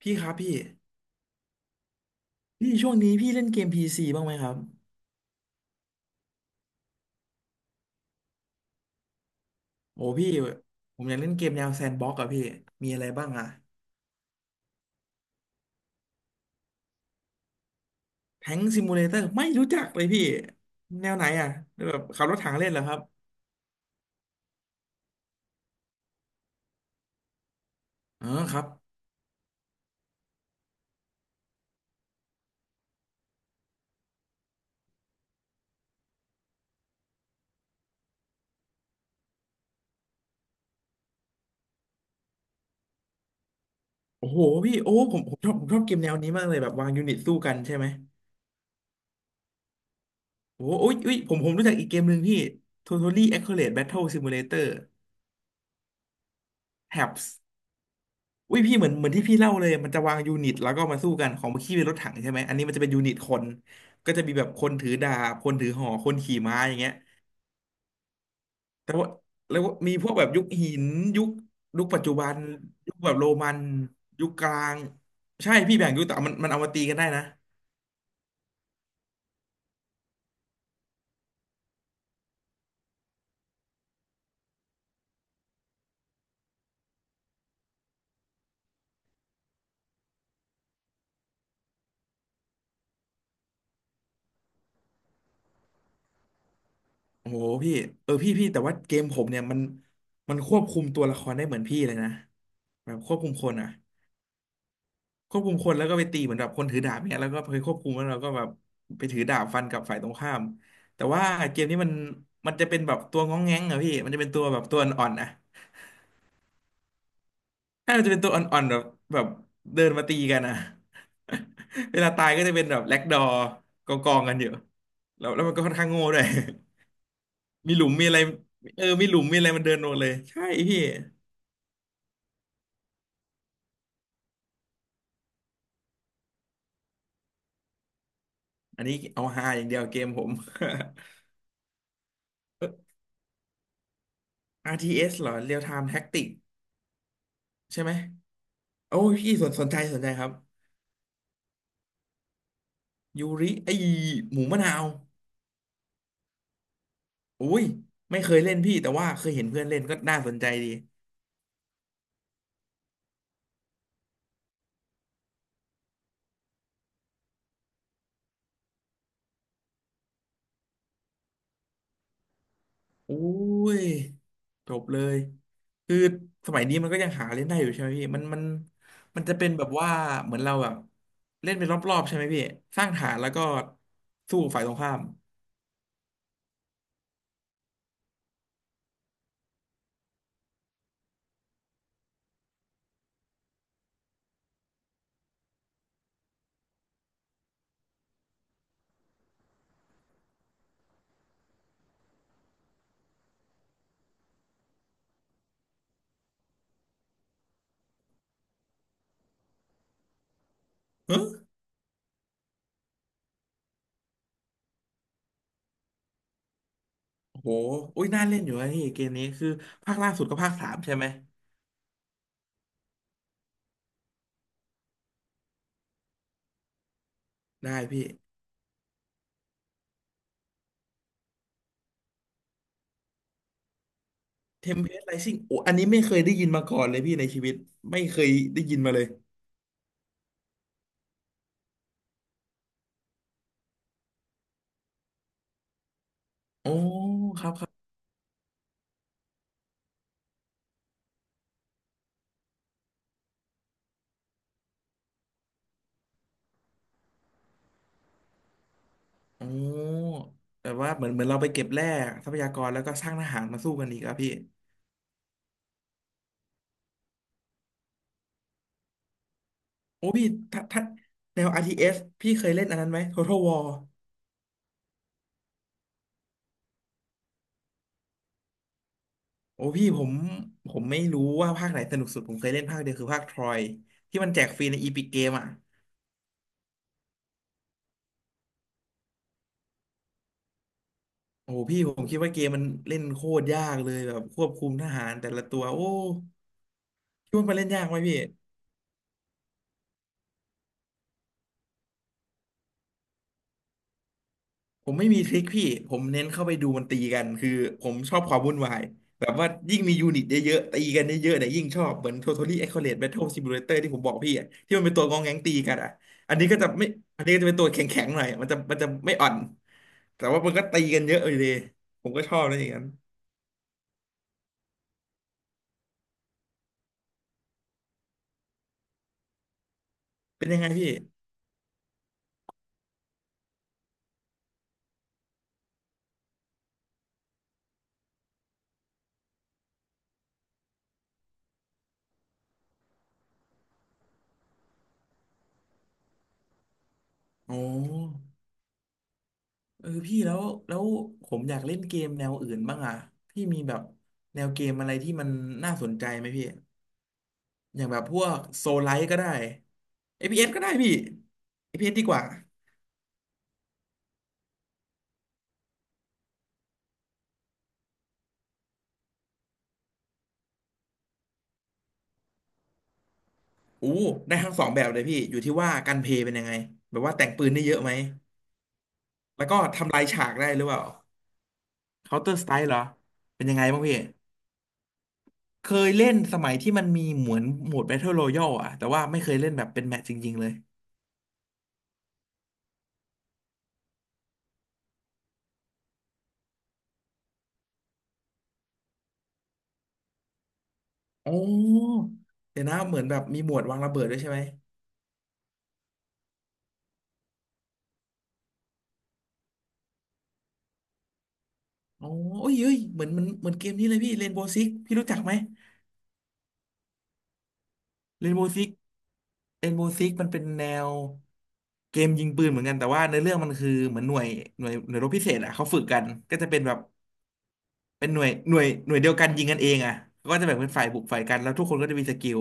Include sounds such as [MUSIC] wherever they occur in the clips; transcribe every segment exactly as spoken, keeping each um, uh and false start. พี่ครับพี่พี่ช่วงนี้พี่เล่นเกมพีซีบ้างไหมครับโอ้พี่ผมอยากเล่นเกมแนวแซนด์บ็อกซ์อะพี่มีอะไรบ้างอะแทงซิมูเลเตอร์ไม่รู้จักเลยพี่แนวไหนอะแบบขับรถถังเล่นเหรอครับอ๋อครับโอ้โหพี่โอ้ผมผมชอบผมชอบเกมแนวนี้มากเลยแบบวางยูนิตสู้กันใช่ไหมโอ้โหอยอุยผมผมรู้จักอีกเกมหนึ่งพี่ Totally Accurate Battle Simulator Tabs อุ้ยพี่เหมือนเหมือนที่พี่เล่าเลยมันจะวางยูนิตแล้วก็มาสู้กันของเมื่อกี้เป็นรถถังใช่ไหมอันนี้มันจะเป็นยูนิตคนก็จะมีแบบคนถือดาบคนถือหอกคนขี่ม้าอย่างเงี้ยแต่ว่าแล้วก็มีพวกแบบยุคหินยุคยุคปัจจุบันยุคแบบโรมันยุคกลางใช่พี่แบ่งยุคแต่มันมันเอามาตีกันได้นะโอ้โหพี่เออพี่พี่แต่ว่าเกมผมเนี่ยมันมันควบคุมตัวละครได้เหมือนพี่เลยนะแบบควบคุมคนอ่ะ ควบคุมคนแล้วก็ไปตีเหมือนแบบคนถือดาบเนี่ยแล้วก็ไปควบคุมแล้วเราก็แบบไปถือดาบฟันกับฝ่ายตรงข้ามแต่ว่าเกมนี้มันมันจะเป็นแบบตัวง้องแง้งอะพี่มันจะเป็นตัวแบบตัวอ่อนๆอะถ้ามันจะเป็นตัวอ่อนๆแบบแบบเดินมาตีกันอะ [LAUGHS] เวลาตายก็จะเป็นแบบแล็กดอร์กองกองกันอยู่แล้วแล้วมันก็ค่อนข้างโง่ด้วย [LAUGHS] มีหลุมมีอะไรเออมีหลุมมีอะไรมันเดินลงเลยใช่พี่อันนี้เอาฮาอย่างเดียวเกมผม [LAUGHS] อาร์ ที เอส เอสเหรอ Real Time Tactics ใช่ไหม โอ้ยพี่สนสนใจสนใจครับยูริไอหมูมะนาวโอ้ยไม่เคยเล่นพี่แต่ว่าเคยเห็นเพื่อนเล่นก็น่าสนใจดีโอ้ยจบเลยคือสมัยนี้มันก็ยังหาเล่นได้อยู่ใช่ไหมพี่มันมันมันจะเป็นแบบว่าเหมือนเราแบบเล่นเป็นรอบๆใช่ไหมพี่สร้างฐานแล้วก็สู้ฝ่ายตรงข้ามเฮ้อโอ้โหอุ้ยน่าเล่นอยู่นะพี่เกมนี้คือภาคล่าสุดก็ภาคสามใช่ไหมได้พี่ เทมเพลตไรซิ่งโอ้อันนี้ไม่เคยได้ยินมาก่อนเลยพี่ในชีวิต ไม่เคยได้ยินมาเลย โอ้ครับครับโอ้แต่ว่าเหมือนเหมือนเราไปเก็บแร่ทรัพยากรแล้วก็สร้างทหารมาสู้กันอีกครับพี่ โอ้พี่ถ้าถ้าแนว อาร์ ที เอส พี่เคยเล่นอันนั้นไหม Total War โอ้พี่ผมผมไม่รู้ว่าภาคไหนสนุกสุดผมเคยเล่นภาคเดียวคือภาคทรอยที่มันแจกฟรีใน อี พี จี ิกเอ่ะโอ้พี่ผมคิดว่าเกมมันเล่นโคตรยากเลยแบบควบคุมทหารแต่ละตัวโอ้คิดว่ามันเล่นยากไหมพี่ ผมไม่มีทริคพี่ ผมเน้นเข้าไปดูมันตีกัน คือผมชอบความวุ่นวาย แบบว่ายิ่งมียูนิตเยอะๆตีกันเยอะๆเนี่ยยิ่งชอบเหมือน Totally Accurate Battle Simulator ที่ผมบอกพี่อะที่มันเป็นตัวงองแงงตีกันอ่ะอันนี้ก็จะไม่อันนี้ก็จะเป็นตัวแข็งๆหน่อยมันจะมันจะไม่อ่อนแต่ว่ามันก็ตีกันเยอะอยู่ดีผมก็ชอบนะอย่างนั้นเป็นยังไงพี่อ๋อเออพี่แล้วแล้วผมอยากเล่นเกมแนวอื่นบ้างอ่ะพี่มีแบบแนวเกมอะไรที่มันน่าสนใจไหมพี่ อย่างแบบพวกโซลไลท์ก็ได้เอพีเอสก็ได้พี่เอพีเอสดีกว่าอู้ได้ทั้งสองแบบเลยพี่อยู่ที่ว่าการเพลย์เป็นยังไงแบบว่าแต่งปืนได้เยอะไหมแล้วก็ทำลายฉากได้หรือเปล่า Counter Strike เหรอเป็นยังไงบ้างพี่เคยเล่นสมัยที่มันมีเหมือนโหมด Battle Royale อะแต่ว่าไม่เคยเล่นแบบเป็นแมตช์จริงๆเลยโอ้เดี๋ยวนะเหมือนแบบมีหมวดวางระเบิดด้วยใช่ไหมอ๋อโอ้ยเอ้ยเหมือนเหมือนเหมือนเกมนี้เลยพี่เรนโบว์ซิกพี่รู้จักไหมเรนโบว์ซิก เอ็นโบว์ซิกมันเป็นแนวเกมยิงปืนเหมือนกันแต่ว่าในอเรื่องมันคือเหมือนหน่วยหน่วยหน่วยรบพิเศษอ่ะเขาฝึกกันก็จะเป็นแบบเป็นหน่วยหน่วยหน่วยเดียวกันยิงกันเองอ่ะก็จะแบ่งเป็นฝ่ายบุกฝ่ายกันแล้วทุกคนก็จะมีสกิล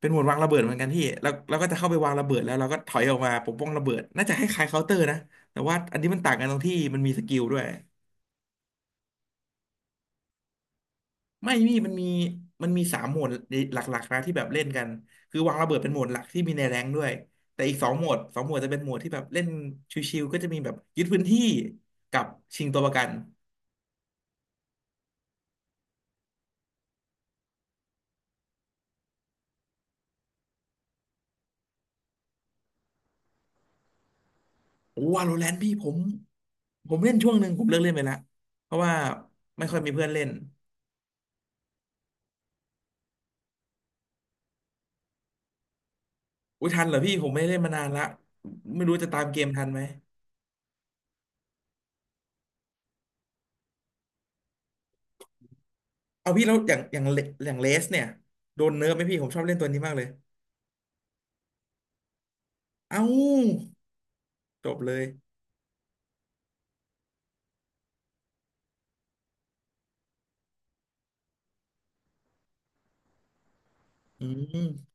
เป็นหมวดวางระเบิดเหมือนกันพี่แล้วเราก็จะเข้าไปวางระเบิดแล้วเราก็ถอยออกมาปกป้องระเบิดน่าจะคล้ายๆเคาน์เตอร์นะแต่ว่าอันนี้มันต่างกันตรงที่มันมีสกิลด้วย ไม่มีมันมีมันมีสามโหมดหลักๆนะที่แบบเล่นกันคือวางระเบิดเป็นโหมดหลักที่มีในแรงค์ด้วยแต่อีกสองโหมดสองโหมดจะเป็นโหมดที่แบบเล่นชิวๆก็จะมีแบบยึดพื้นที่กับชิงตัวประกันโอ้วาโลแรนต์พี่ผมผมเล่นช่วงหนึ่งผมเลิกเล่นไปละเพราะว่าไม่ค่อยมีเพื่อนเล่นอุ้ยทันเหรอพี่ผมไม่ได้เล่นมานานละไม่รู้จะตามเกมทันไหมเอาพี่แล้วอย่างอย่างเลอย่างเลสเนี่ยโดนเนิร์ฟไหมพี่ผมชอบเล่นตัวนี้มากเลยเอ้าจบเลยอืม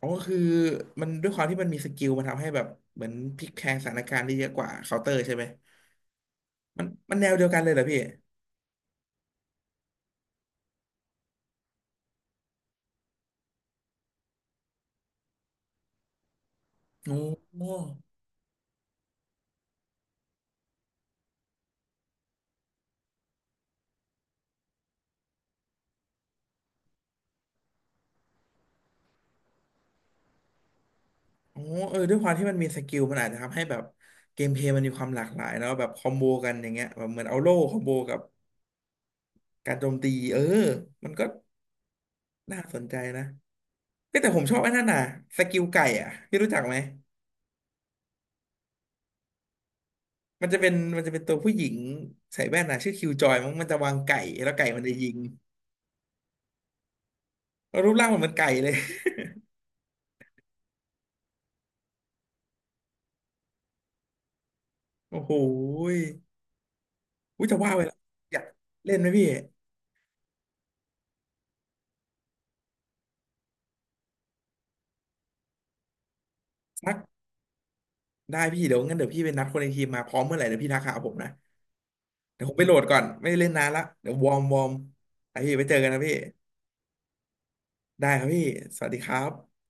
อ๋อคือมันด้วยความที่มันมีสกิลมันทำให้แบบเหมือนพลิกแพลงสถานการณ์ได้เยอะกว่าเคาน์เตอร์ใช่ไหมมันมันแนวเดียวกันเลยเหรอพี่โอ้โหโอ้เออด้วยความที่มันมีสกิลมันอาจจะทำให้แบบเกมเพลย์มันมีความหลากหลายแล้วแบบคอมโบกันอย่างเงี้ยแบบเหมือนเอาโล่คอมโบกับการโจมตีเออมันก็น่าสนใจนะเอ้ยแต่ผมชอบไอ้นั่นน่ะสกิลไก่อ่ะพี่รู้จักไหมมันจะเป็นมันจะเป็นตัวผู้หญิงใส่แว่นน่ะชื่อคิวจอยมั้งมันจะวางไก่แล้วไก่มันจะยิงแล้วรูปร่างมันเหมือนไก่เลยโอ้โห อุ้ยจะว่าไปแล้วอยากเล่นไหมพี่สักได้พี่เดี๋ยวงั้นเดี๋ยวพี่ไปนัดคนในทีมมาพร้อมเมื่อไหร่เดี๋ยวพี่ทักหาผมนะเดี๋ยวผมไปโหลดก่อนไม่ได้เล่นนานละเดี๋ยววอร์มวอร์มไอพี่ไปเจอกันนะพี่ได้ครับพี่สวัสดีครับ